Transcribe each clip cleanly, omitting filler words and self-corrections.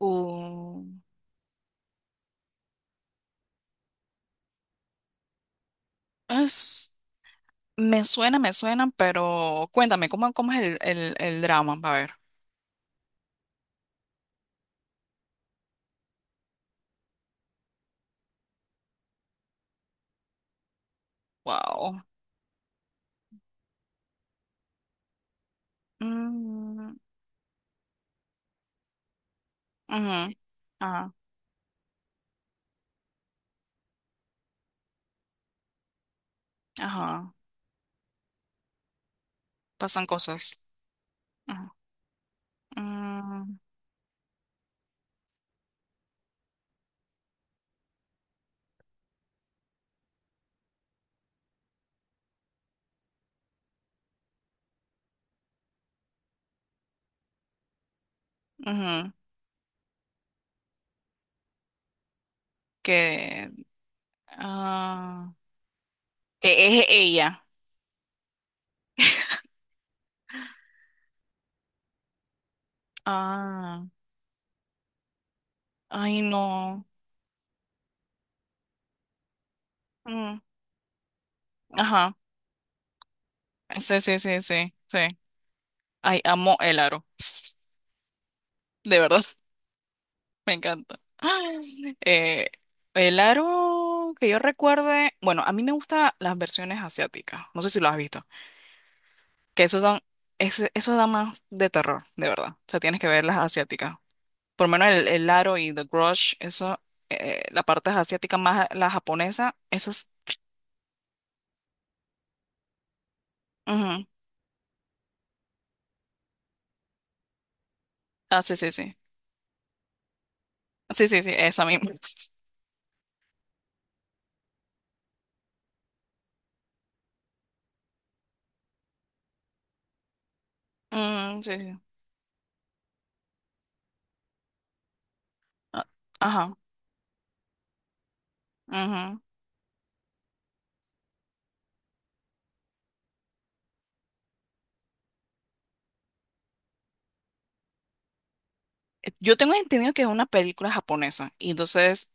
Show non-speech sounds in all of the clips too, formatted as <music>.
Uh, es, me suena, pero cuéntame, ¿cómo es el drama? A ver. Wow. Mm, ujú, ajá, ajá. Pasan cosas. Ajá, mm, ujú, que, ah, que es ella. Ah, ay, no. Mm, ajá. Sí, sí, sí, sí, sí. Ay, amo el aro. De verdad. Me encanta. <laughs> Eh, el aro que yo recuerde, bueno, a mí me gustan las versiones asiáticas, no sé si lo has visto, que esos son, ese- esos dan más de terror, de verdad. O sea, tienes que ver las asiáticas. Por lo menos el aro y The Grudge, eso, la parte asiática más la japonesa, esas. Ujú. Ah, sí, sí, sí. Sí, sí, sí, esa misma. <laughs> Mm, sí. Sí. Ah, ajá. Ujú. Yo tengo entendido que es una película japonesa, y entonces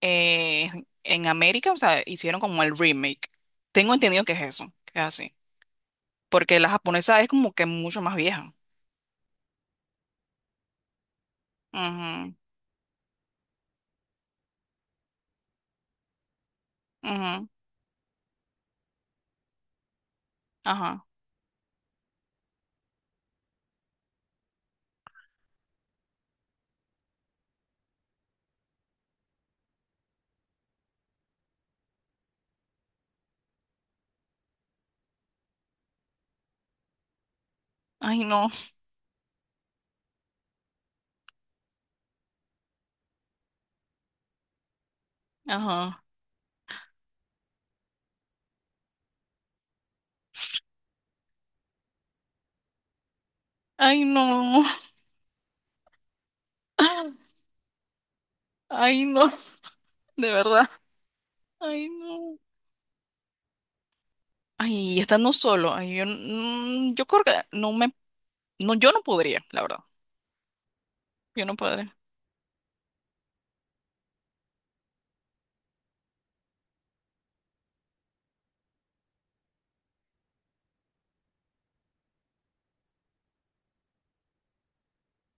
eh, en América, o sea, hicieron como el remake. Tengo entendido que es eso, que es así. Porque la japonesa es como que mucho más vieja. Ujú, ujú, ajá. Ay, no. Ajá. Ay, no. <laughs> Ay, no. De verdad. Ay, no. Ay, y estando solo. Ay, yo, yo creo que no me, no, yo no podría, la verdad. Yo no podría.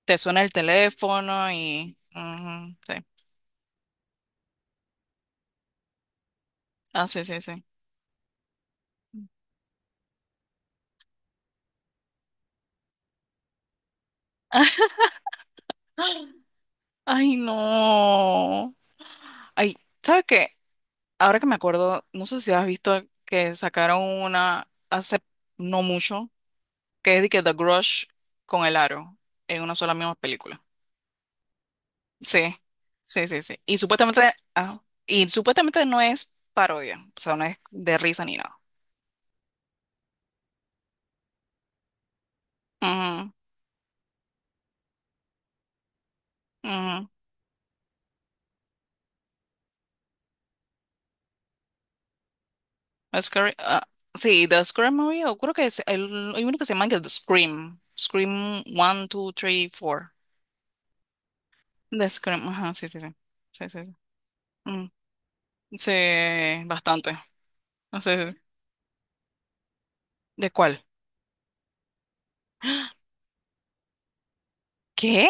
Te suena el teléfono y, ujú, sí. Ah, sí, sí, sí. <laughs> Ay, no. Ay, ¿sabes qué? Ahora que me acuerdo, no sé si has visto que sacaron una hace no mucho, que es de que The Grudge con el aro en una sola misma película. Sí, sí, sí, sí. Y supuestamente, ah, y supuestamente no es parodia, o sea, no es de risa ni nada. Ujú, ujú. Ah, sí, The Scream Movie, o creo que es el, hay uno que se llama que The Scream. Scream 1, 2, 3, 4. The Scream, ajá, sí, sí, sí. Sí, sí, sí. Mm, sí, bastante. Sí, sí. Sí. ¿De cuál? ¿Qué?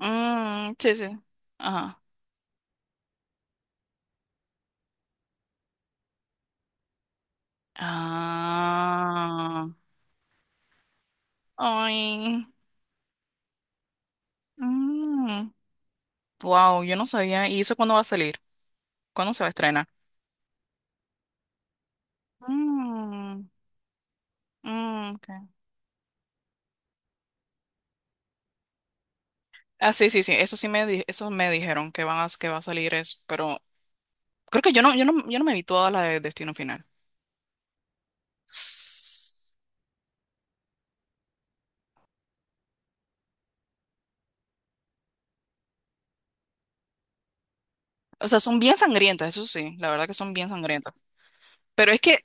Mm, sí, sí. Ajá. Ah. Ay. Wow, yo no sabía. ¿Y eso cuándo va a salir? ¿Cuándo se va a estrenar? Mm, mm, ok. Ah, sí, sí, sí. Eso me dijeron que van a, que va a salir eso, pero creo que yo no me vi toda la de Destino Final. O sea, son bien sangrientas, eso sí, la verdad que son bien sangrientas. Pero es que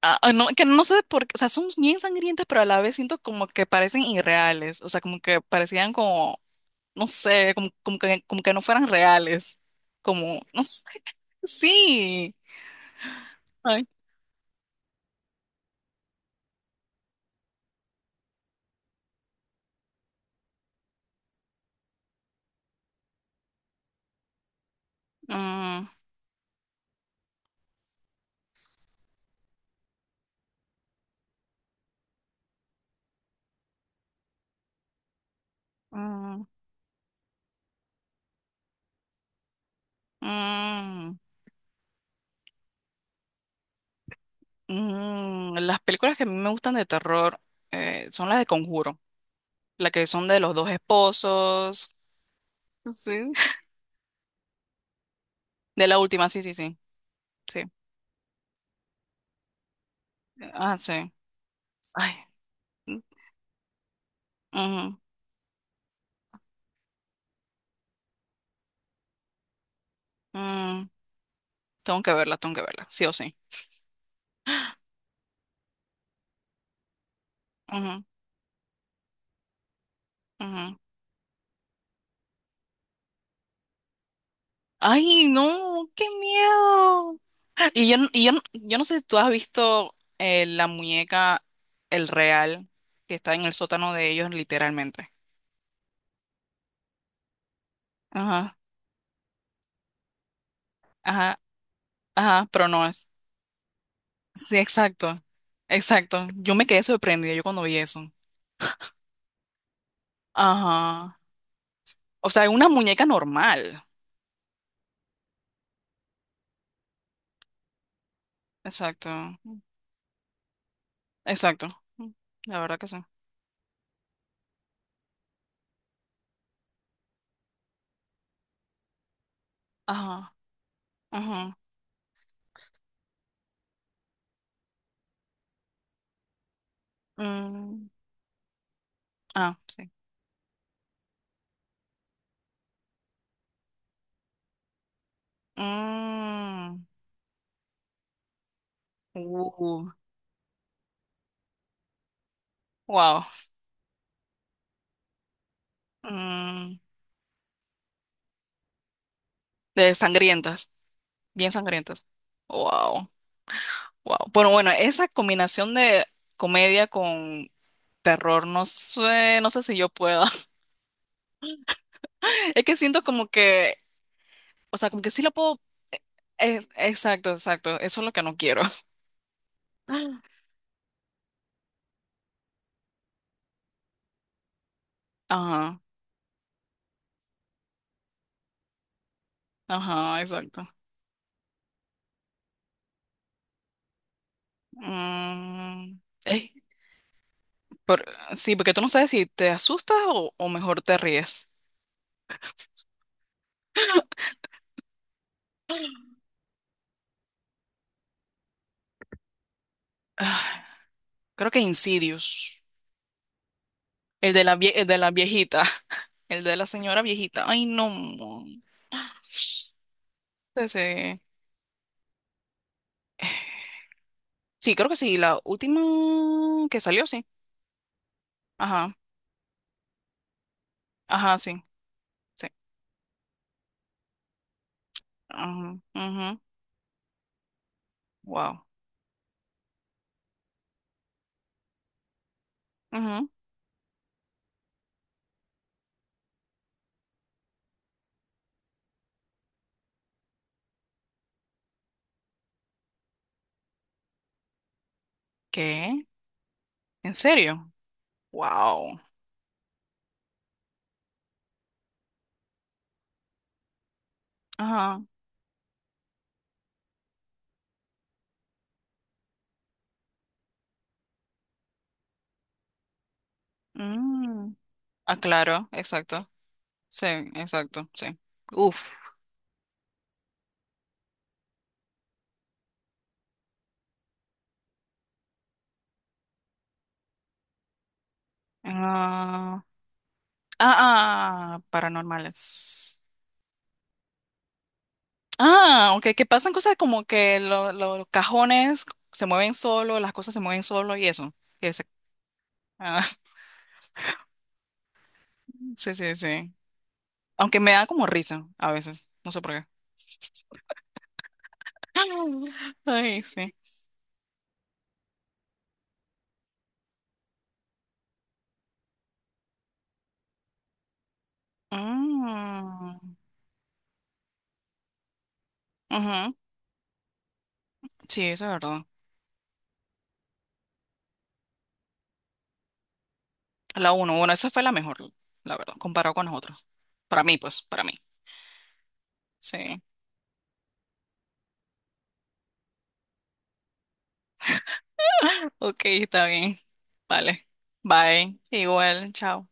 Ah, ah, no, que no sé por qué, o sea, son bien sangrientas, pero a la vez siento como que parecen irreales, o sea, como que parecían como, no sé, como, como que no fueran reales, como, no sé, sí. Ay. Mm, mm, mm, mm. Las películas que a mí me gustan de terror son las de Conjuro, las que son de los dos esposos, sí. De la última, sí, sí, sí, sí, ah, sí, ay, mm, mm. Mm. Tengo que verla, sí o sí. Ujú, ujú. Ay, no, qué miedo. Yo no sé si tú has visto la muñeca, el real, que está en el sótano de ellos, literalmente. Ajá, ajá, ajá, pero no es. Sí, exacto, exacto. Yo me quedé sorprendida yo cuando vi eso. Ajá. O sea, una muñeca normal. Exacto, exacto. La verdad que sí. Ajá, ajá. Mm, ah, sí. Mm. Uh. Wow. Mm, de sangrientas, bien sangrientas. Wow, wow. Bueno, bueno, esa combinación de comedia con terror, no sé, no sé si yo pueda. <laughs> Es que siento como que, o sea, como que sí lo puedo. Exacto, exacto. Eso es lo que no quiero. <gasps> <laughs> Ajá, ajá, exacto. Mm, eh, por- sí, porque tú no sabes si te asustas o mejor te ríes. Ah, creo que Insidious, el de la viejita. El de la señora viejita. Ay, no. Ese- Sí, creo que sí. La última que salió, sí. Ajá. Ajá, sí. Sí. Ajá. Ujú, wow. Ujú. ¿Qué? ¿En serio? Wow. Ajá. Mm. Ah, claro. Exacto. Sí, exacto. Sí. Uf. Ah, ah, ah, ah, paranormales. Ah, ok, que pasan cosas como que los cajones se mueven solo, las cosas se mueven solo y eso. que se- ah, <laughs> sí, sí, sí. Aunque me da como risa a veces, no sé por qué. <laughs> Ay, sí. Mm, ujú, sí, eso es verdad. La uno, bueno, esa fue la mejor, la verdad, comparado con nosotros. Para mí, pues, para mí. Sí. Ok, está bien. Vale. Bye. Igual, chao.